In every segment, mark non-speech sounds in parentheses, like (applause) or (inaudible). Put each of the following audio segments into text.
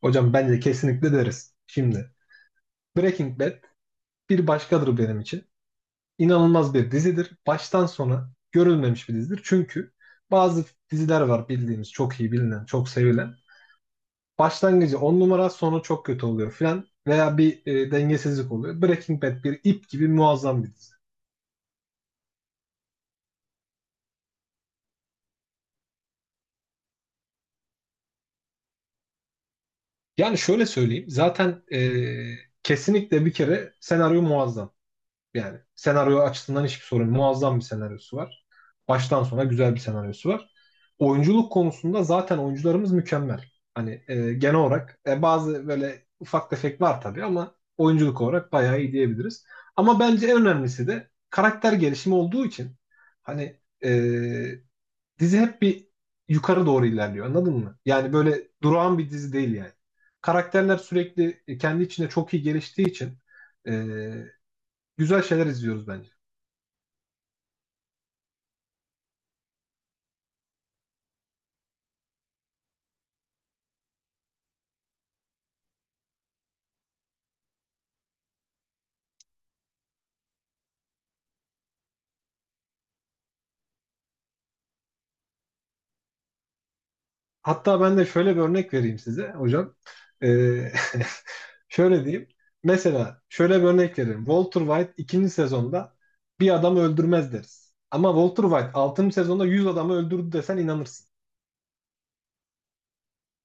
Hocam bence kesinlikle deriz. Şimdi Breaking Bad bir başkadır benim için. İnanılmaz bir dizidir. Baştan sona görülmemiş bir dizidir. Çünkü bazı diziler var bildiğimiz çok iyi bilinen, çok sevilen. Başlangıcı 10 numara, sonu çok kötü oluyor filan veya bir dengesizlik oluyor. Breaking Bad bir ip gibi muazzam bir dizi. Yani şöyle söyleyeyim. Zaten kesinlikle bir kere senaryo muazzam. Yani senaryo açısından hiçbir sorun. Muazzam bir senaryosu var. Baştan sona güzel bir senaryosu var. Oyunculuk konusunda zaten oyuncularımız mükemmel. Hani genel olarak bazı böyle ufak tefek var tabii ama oyunculuk olarak bayağı iyi diyebiliriz. Ama bence en önemlisi de karakter gelişimi olduğu için hani dizi hep bir yukarı doğru ilerliyor anladın mı? Yani böyle durağan bir dizi değil yani. Karakterler sürekli kendi içinde çok iyi geliştiği için e, güzel şeyler izliyoruz bence. Hatta ben de şöyle bir örnek vereyim size hocam. Ee, (laughs) şöyle diyeyim. Mesela şöyle bir örnek vereyim. Walter White ikinci sezonda bir adamı öldürmez deriz. Ama Walter White altıncı sezonda 100 adamı öldürdü desen inanırsın.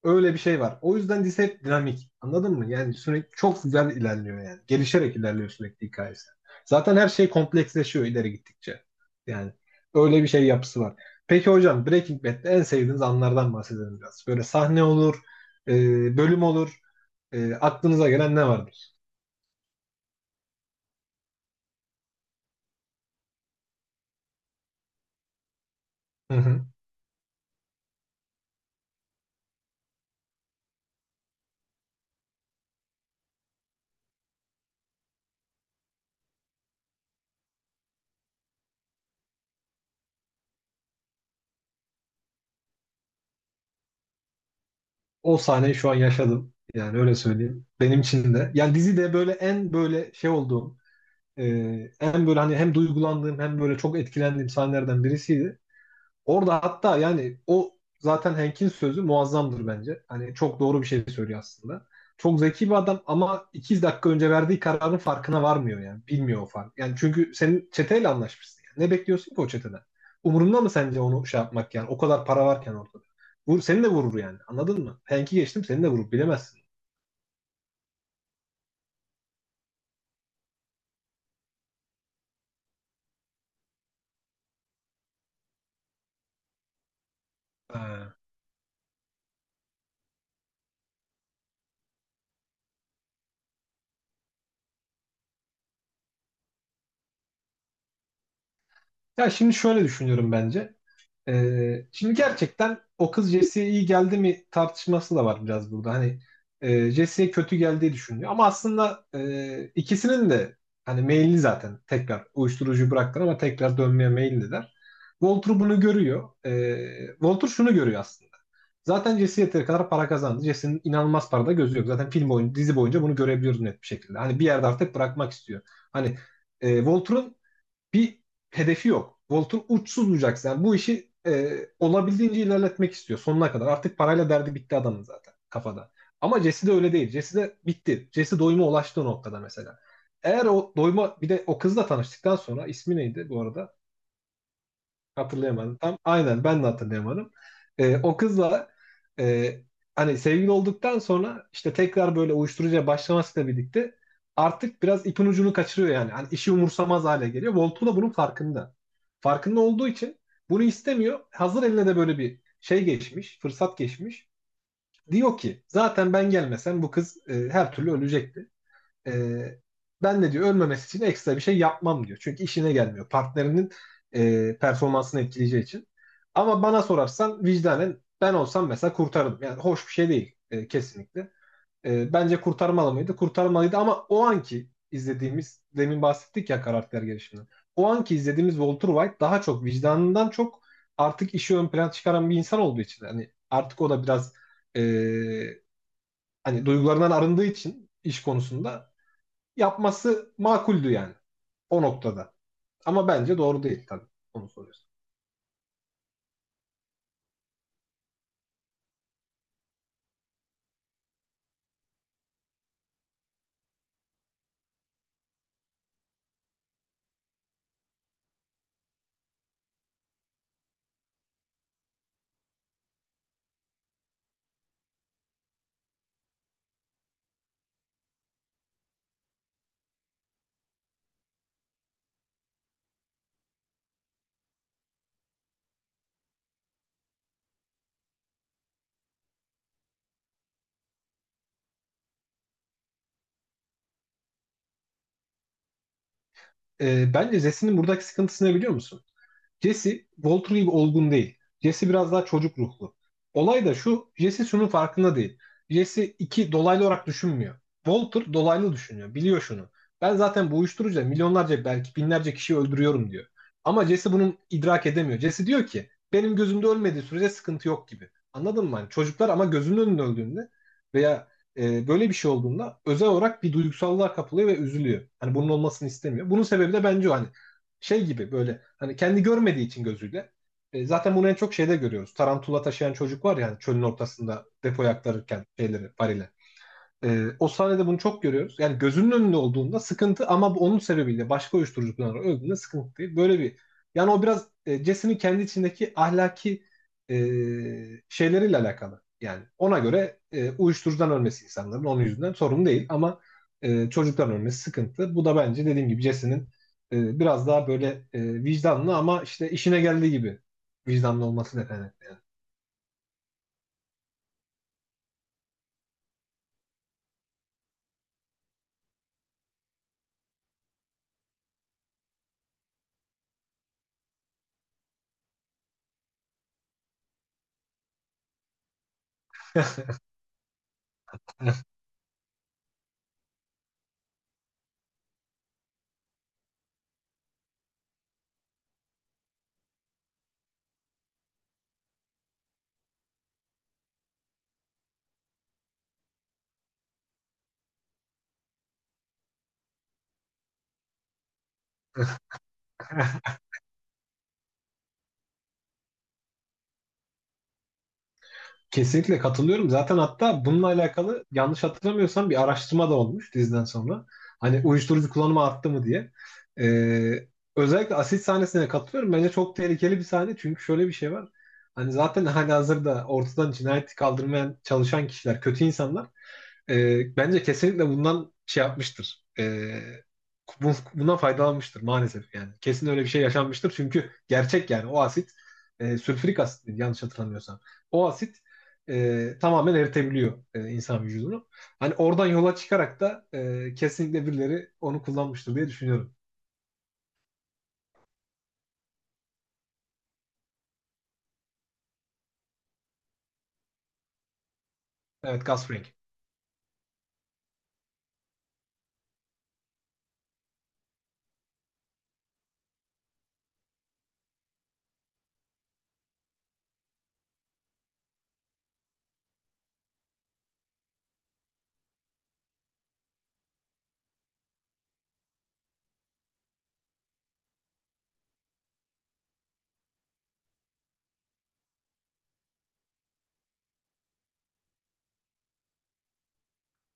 Öyle bir şey var. O yüzden dizi hep dinamik. Anladın mı? Yani sürekli çok güzel ilerliyor yani. Gelişerek ilerliyor sürekli hikayesi. Zaten her şey kompleksleşiyor ileri gittikçe. Yani öyle bir şey yapısı var. Peki hocam Breaking Bad'de en sevdiğiniz anlardan bahsedelim biraz. Böyle sahne olur, bölüm olur. Aklınıza gelen ne vardır? Hı hı. O sahneyi şu an yaşadım. Yani öyle söyleyeyim. Benim için de. Yani dizide böyle en böyle şey olduğum, e, en böyle hani hem duygulandığım hem böyle çok etkilendiğim sahnelerden birisiydi. Orada hatta yani o zaten Hank'in sözü muazzamdır bence. Hani çok doğru bir şey söylüyor aslında. Çok zeki bir adam ama 2 dakika önce verdiği kararın farkına varmıyor yani. Bilmiyor o fark. Yani çünkü senin çeteyle anlaşmışsın. Yani. Ne bekliyorsun ki o çeteden? Umurunda mı sence onu şey yapmak yani? O kadar para varken ortada. Vur, seni de vurur yani. Anladın mı? Hank'i geçtim seni de vurur. Bilemezsin. Ee, Ya şimdi şöyle düşünüyorum bence. Şimdi gerçekten o kız Jesse'ye iyi geldi mi tartışması da var biraz burada. Hani Jesse'ye kötü geldiği düşünülüyor. Ama aslında ikisinin de hani meyilli zaten tekrar uyuşturucuyu bıraktılar ama tekrar dönmeye meyilliler. Walter bunu görüyor. Walter şunu görüyor aslında. Zaten Jesse yeteri kadar para kazandı. Jesse'nin inanılmaz parada gözü yok. Zaten film boyunca, dizi boyunca bunu görebiliyoruz net bir şekilde. Hani bir yerde artık bırakmak istiyor. Hani Walter'ın bir hedefi yok. Walter uçsuz bucak yani bu işi olabildiğince ilerletmek istiyor sonuna kadar. Artık parayla derdi bitti adamın zaten kafada. Ama Jesse de öyle değil. Jesse de bitti. Jesse doyuma ulaştı o noktada mesela. Eğer o doyuma bir de o kızla tanıştıktan sonra ismi neydi bu arada? Hatırlayamadım. Tam aynen ben de hatırlayamadım. O kızla e, hani sevgili olduktan sonra işte tekrar böyle uyuşturucuya başlamasıyla birlikte artık biraz ipin ucunu kaçırıyor yani. Hani işi umursamaz hale geliyor. Voltu da bunun farkında. Farkında olduğu için bunu istemiyor. Hazır eline de böyle bir şey geçmiş, fırsat geçmiş. Diyor ki zaten ben gelmesem bu kız her türlü ölecekti. Ee, Ben de diyor ölmemesi için ekstra bir şey yapmam diyor. Çünkü işine gelmiyor. Partnerinin performansını etkileyeceği için. Ama bana sorarsan vicdanen ben olsam mesela kurtarırım. Yani hoş bir şey değil kesinlikle. Bence kurtarmalı mıydı? Kurtarmalıydı ama o anki izlediğimiz, demin bahsettik ya karakter gelişiminden. O anki izlediğimiz Walter White daha çok vicdanından çok artık işi ön plana çıkaran bir insan olduğu için. Hani artık o da biraz e, hani duygularından arındığı için iş konusunda yapması makuldü yani o noktada. Ama bence doğru değil tabii onu soruyorsun. Bence Zesin'in buradaki sıkıntısı ne biliyor musun? Jesse Walter gibi olgun değil. Jesse biraz daha çocuk ruhlu. Olay da şu, Jesse şunun farkında değil. Jesse iki dolaylı olarak düşünmüyor. Walter dolaylı düşünüyor, biliyor şunu. Ben zaten bu uyuşturucuyla milyonlarca belki binlerce kişi öldürüyorum diyor. Ama Jesse bunun idrak edemiyor. Jesse diyor ki benim gözümde ölmediği sürece sıkıntı yok gibi. Anladın mı? Hani çocuklar ama gözünün önünde öldüğünde veya böyle bir şey olduğunda özel olarak bir duygusallığa kapılıyor ve üzülüyor. Hani bunun olmasını istemiyor. Bunun sebebi de bence o. Hani şey gibi böyle hani kendi görmediği için gözüyle. Zaten bunu en çok şeyde görüyoruz. Tarantula taşıyan çocuk var ya hani çölün ortasında depoya aktarırken şeyleri, varili. O sahnede bunu çok görüyoruz. Yani gözünün önünde olduğunda sıkıntı ama bu onun sebebiyle başka uyuşturucu kullanarak öldüğünde sıkıntı değil. Böyle bir yani o biraz Jesse'nin kendi içindeki ahlaki e, şeyleriyle alakalı. Yani ona göre uyuşturucudan ölmesi insanların onun yüzünden sorun değil ama çocuktan ölmesi sıkıntı. Bu da bence dediğim gibi Jesse'nin biraz daha böyle vicdanlı ama işte işine geldiği gibi vicdanlı olması nedeni. (laughs) Kesinlikle katılıyorum. Zaten hatta bununla alakalı yanlış hatırlamıyorsam bir araştırma da olmuş diziden sonra. Hani uyuşturucu kullanımı arttı mı diye. Ee, Özellikle asit sahnesine katılıyorum. Bence çok tehlikeli bir sahne. Çünkü şöyle bir şey var. Hani zaten halihazırda ortadan cinayeti kaldırmaya çalışan kişiler, kötü insanlar. E, bence kesinlikle bundan şey yapmıştır. Bundan faydalanmıştır maalesef yani. Kesin öyle bir şey yaşanmıştır çünkü gerçek yani o asit sülfürik asit miydi? Yanlış hatırlamıyorsam. O asit tamamen eritebiliyor insan vücudunu. Hani oradan yola çıkarak da kesinlikle birileri onu kullanmıştır diye düşünüyorum. Evet gas ring.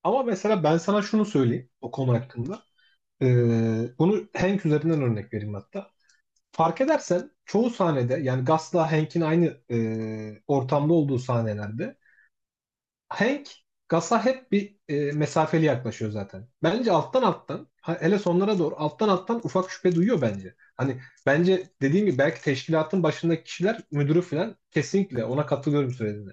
Ama mesela ben sana şunu söyleyeyim o konu hakkında. E, Bunu Hank üzerinden örnek vereyim hatta. Fark edersen çoğu sahnede yani Gus'la Hank'in aynı ortamda olduğu sahnelerde Hank Gus'a hep bir mesafeli yaklaşıyor zaten. Bence alttan alttan hele sonlara doğru alttan alttan ufak şüphe duyuyor bence. Hani bence dediğim gibi belki teşkilatın başındaki kişiler müdürü falan kesinlikle ona katılıyorum söylediğine.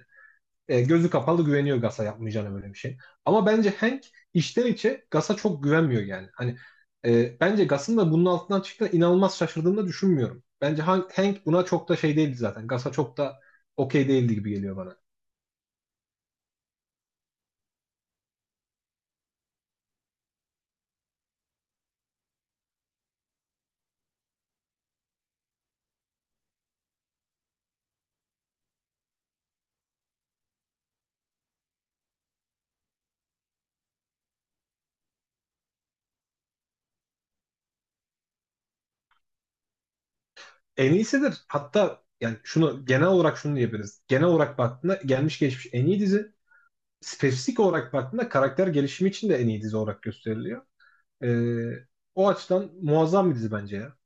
Gözü kapalı güveniyor Gas'a yapmayacağına böyle bir şey. Ama bence Hank içten içe Gas'a çok güvenmiyor yani. Hani bence Gas'ın da bunun altından çıktığına inanılmaz şaşırdığını da düşünmüyorum. Bence Hank buna çok da şey değildi zaten. Gas'a çok da okey değildi gibi geliyor bana. En iyisidir. Hatta yani şunu genel olarak şunu diyebiliriz. Genel olarak baktığında gelmiş geçmiş en iyi dizi. Spesifik olarak baktığında karakter gelişimi için de en iyi dizi olarak gösteriliyor. Ee, O açıdan muazzam bir dizi bence ya.